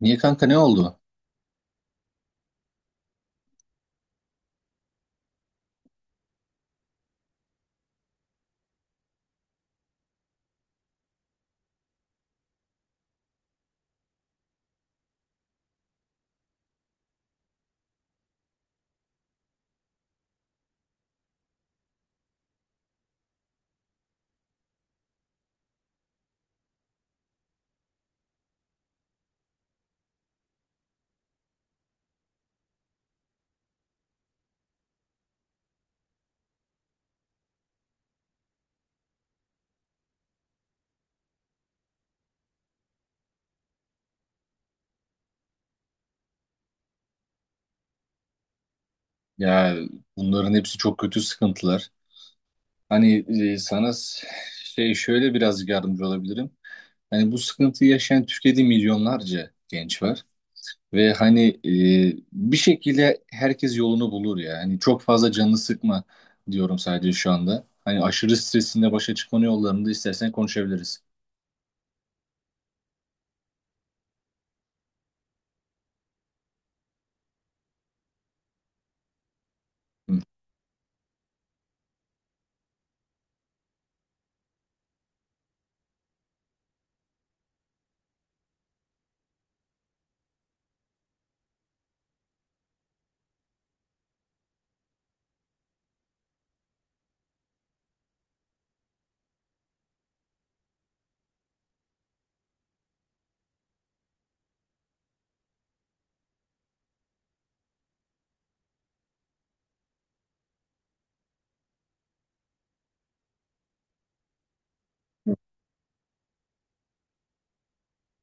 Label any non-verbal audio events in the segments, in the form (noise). Niye kanka ne oldu? Ya bunların hepsi çok kötü sıkıntılar. Hani e, sana s- şey şöyle birazcık yardımcı olabilirim. Hani bu sıkıntıyı yaşayan Türkiye'de milyonlarca genç var. Ve hani bir şekilde herkes yolunu bulur ya. Hani çok fazla canını sıkma diyorum sadece şu anda. Hani aşırı stresinle başa çıkmanın yollarını da istersen konuşabiliriz.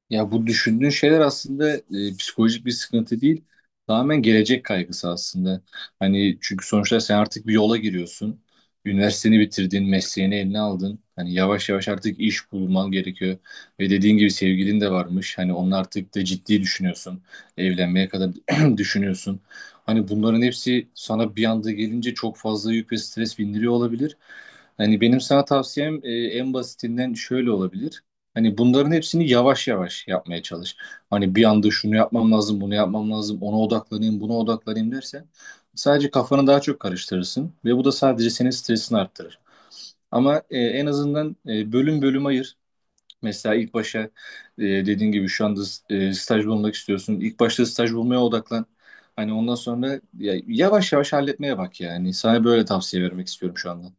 Ya bu düşündüğün şeyler aslında psikolojik bir sıkıntı değil. Tamamen gelecek kaygısı aslında. Hani çünkü sonuçta sen artık bir yola giriyorsun. Üniversiteni bitirdin, mesleğini eline aldın. Hani yavaş yavaş artık iş bulman gerekiyor. Ve dediğin gibi sevgilin de varmış. Hani onu artık da ciddi düşünüyorsun. Evlenmeye kadar (clears throat) düşünüyorsun. Hani bunların hepsi sana bir anda gelince çok fazla yük ve stres bindiriyor olabilir. Hani benim sana tavsiyem en basitinden şöyle olabilir. Hani bunların hepsini yavaş yavaş yapmaya çalış. Hani bir anda şunu yapmam lazım, bunu yapmam lazım, ona odaklanayım, buna odaklanayım dersen sadece kafanı daha çok karıştırırsın ve bu da sadece senin stresini arttırır. Ama en azından bölüm bölüm ayır. Mesela ilk başa dediğin gibi şu anda staj bulmak istiyorsun. İlk başta staj bulmaya odaklan. Hani ondan sonra ya, yavaş yavaş halletmeye bak yani. Sana böyle tavsiye vermek istiyorum şu anda.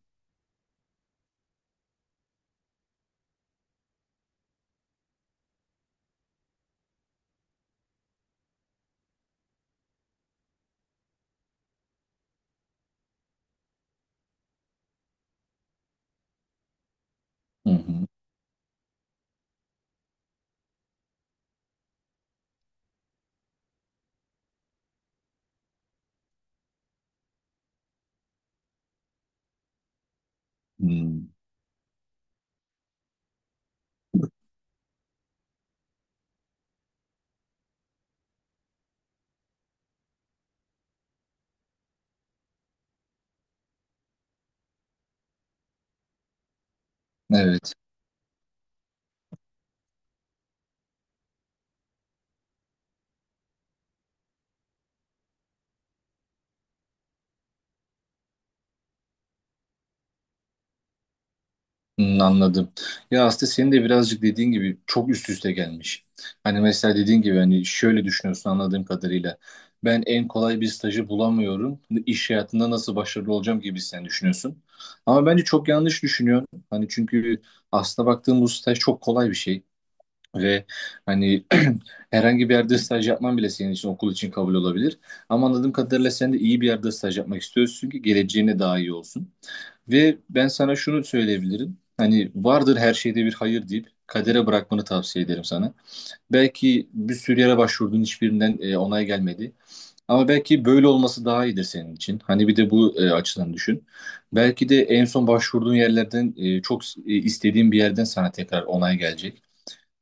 Hı hı. Hı. Evet. Hmm, anladım. Ya aslında senin de birazcık dediğin gibi çok üst üste gelmiş. Hani mesela dediğin gibi hani şöyle düşünüyorsun anladığım kadarıyla. Ben en kolay bir stajı bulamıyorum. Hani İş hayatında nasıl başarılı olacağım gibi sen düşünüyorsun. Ama bence çok yanlış düşünüyorsun. Hani çünkü aslına baktığım bu staj çok kolay bir şey. Ve hani (clears throat) herhangi bir yerde staj yapman bile senin için okul için kabul olabilir. Ama anladığım kadarıyla sen de iyi bir yerde staj yapmak istiyorsun ki geleceğine daha iyi olsun. Ve ben sana şunu söyleyebilirim. Hani vardır her şeyde bir hayır deyip kadere bırakmanı tavsiye ederim sana. Belki bir sürü yere başvurdun hiçbirinden onay gelmedi. Ama belki böyle olması daha iyidir senin için. Hani bir de bu açıdan düşün. Belki de en son başvurduğun yerlerden çok istediğin bir yerden sana tekrar onay gelecek.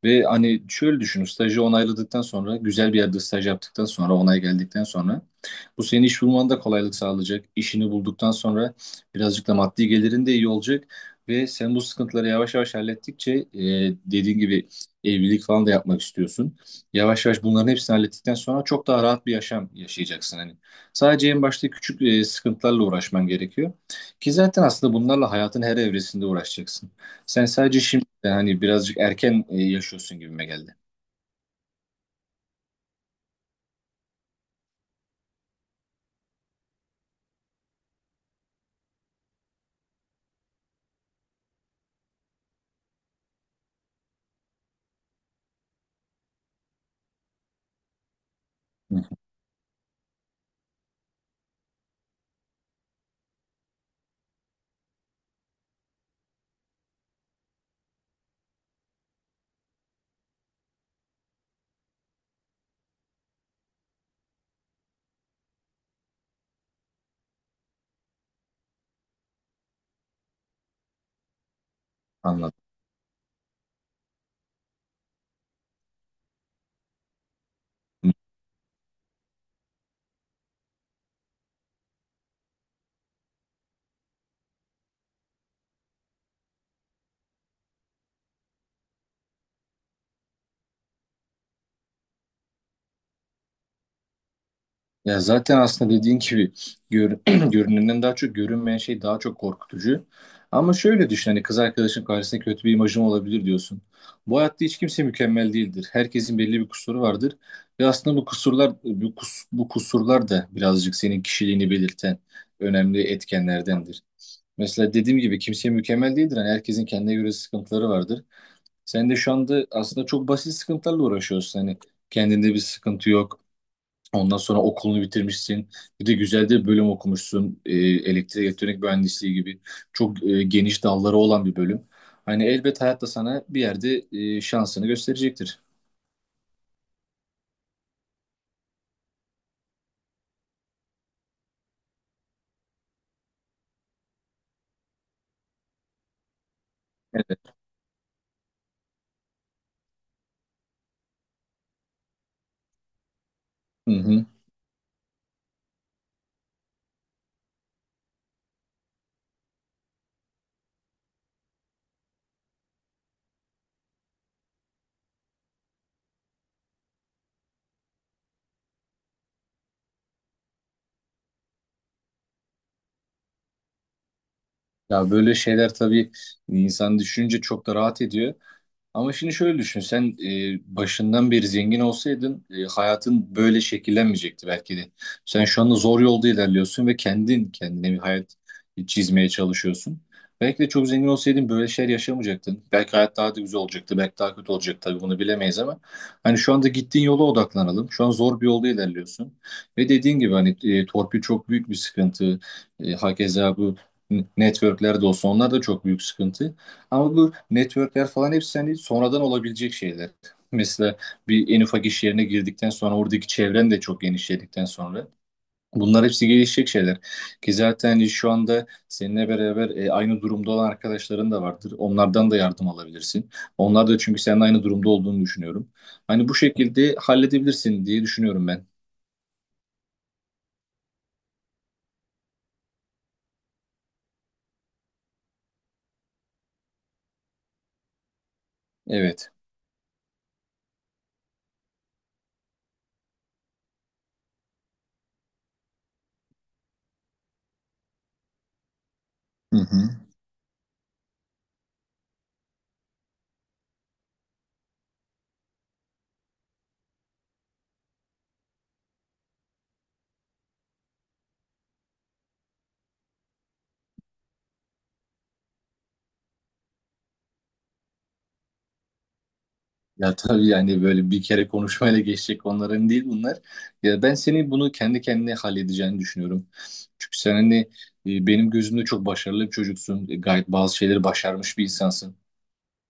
Ve hani şöyle düşünün, stajı onayladıktan sonra, güzel bir yerde staj yaptıktan sonra, onay geldikten sonra bu senin iş bulmanda da kolaylık sağlayacak. İşini bulduktan sonra birazcık da maddi gelirin de iyi olacak. Ve sen bu sıkıntıları yavaş yavaş hallettikçe dediğin gibi evlilik falan da yapmak istiyorsun. Yavaş yavaş bunların hepsini hallettikten sonra çok daha rahat bir yaşam yaşayacaksın. Hani sadece en başta küçük sıkıntılarla uğraşman gerekiyor. Ki zaten aslında bunlarla hayatın her evresinde uğraşacaksın. Sen sadece şimdi hani birazcık erken yaşıyorsun gibime geldi. (laughs) Hı hı. Anladım. Ya zaten aslında dediğin gibi gör, (clears throat) görünenden daha çok görünmeyen şey daha çok korkutucu. Ama şöyle düşün hani kız arkadaşın karşısında kötü bir imajım olabilir diyorsun. Bu hayatta hiç kimse mükemmel değildir. Herkesin belli bir kusuru vardır. Ve aslında bu kusurlar bu kusurlar da birazcık senin kişiliğini belirten önemli etkenlerdendir. Mesela dediğim gibi kimse mükemmel değildir. Hani herkesin kendine göre sıkıntıları vardır. Sen de şu anda aslında çok basit sıkıntılarla uğraşıyorsun. Hani kendinde bir sıkıntı yok. Ondan sonra okulunu bitirmişsin. Bir de güzel de bir bölüm okumuşsun. Elektrik elektronik mühendisliği gibi çok geniş dalları olan bir bölüm. Hani elbet hayat da sana bir yerde şansını gösterecektir. Evet. Hı hı. Ya böyle şeyler tabii insan düşününce çok da rahat ediyor. Ama şimdi şöyle düşün, sen başından beri zengin olsaydın hayatın böyle şekillenmeyecekti belki de. Sen şu anda zor yolda ilerliyorsun ve kendin kendine bir hayat çizmeye çalışıyorsun. Belki de çok zengin olsaydın böyle şeyler yaşamayacaktın. Belki hayat daha da güzel olacaktı, belki daha kötü olacaktı tabii bunu bilemeyiz ama hani şu anda gittiğin yola odaklanalım. Şu an zor bir yolda ilerliyorsun. Ve dediğin gibi hani torpil çok büyük bir sıkıntı. Hakeza bu networklerde olsa onlar da çok büyük sıkıntı. Ama bu networkler falan hepsi hani sonradan olabilecek şeyler. Mesela bir en ufak iş yerine girdikten sonra oradaki çevren de çok genişledikten sonra bunlar hepsi gelişecek şeyler. Ki zaten hani şu anda seninle beraber aynı durumda olan arkadaşların da vardır. Onlardan da yardım alabilirsin. Onlar da çünkü senin aynı durumda olduğunu düşünüyorum. Hani bu şekilde halledebilirsin diye düşünüyorum ben. Evet. Hı hı. Ya tabii yani böyle bir kere konuşmayla geçecek konuların değil bunlar. Ya ben seni bunu kendi kendine halledeceğini düşünüyorum. Çünkü sen hani benim gözümde çok başarılı bir çocuksun. E, Gayet bazı şeyleri başarmış bir insansın.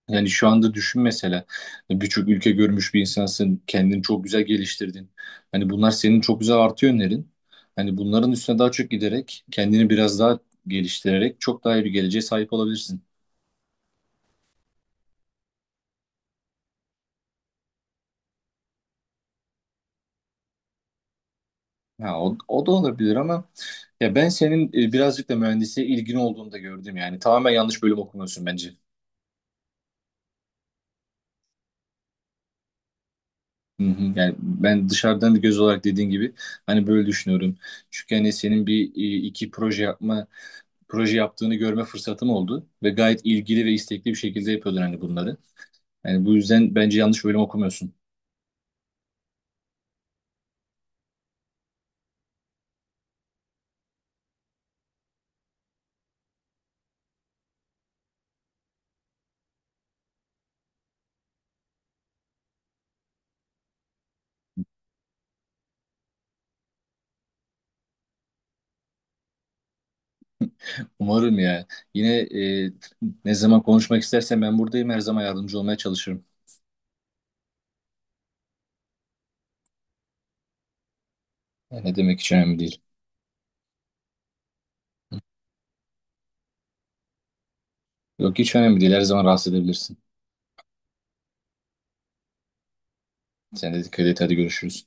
Yani şu anda düşün mesela birçok ülke görmüş bir insansın. Kendini çok güzel geliştirdin. Hani bunlar senin çok güzel artı yönlerin. Hani bunların üstüne daha çok giderek kendini biraz daha geliştirerek çok daha iyi bir geleceğe sahip olabilirsin. Ha, o da olabilir ama ya ben senin birazcık da mühendisliğe ilgin olduğunu da gördüm yani. Tamamen yanlış bölüm okumuyorsun bence. Hı hı. Yani ben dışarıdan bir göz olarak dediğin gibi hani böyle düşünüyorum. Çünkü hani senin bir proje yaptığını görme fırsatım oldu ve gayet ilgili ve istekli bir şekilde yapıyordun hani bunları. Yani bu yüzden bence yanlış bölüm okumuyorsun. Umarım ya. Yine ne zaman konuşmak istersen ben buradayım. Her zaman yardımcı olmaya çalışırım. Yani ne demek hiç önemli değil. Yok hiç önemli değil. Her zaman rahatsız edebilirsin. Sen de dikkat et. Hadi görüşürüz.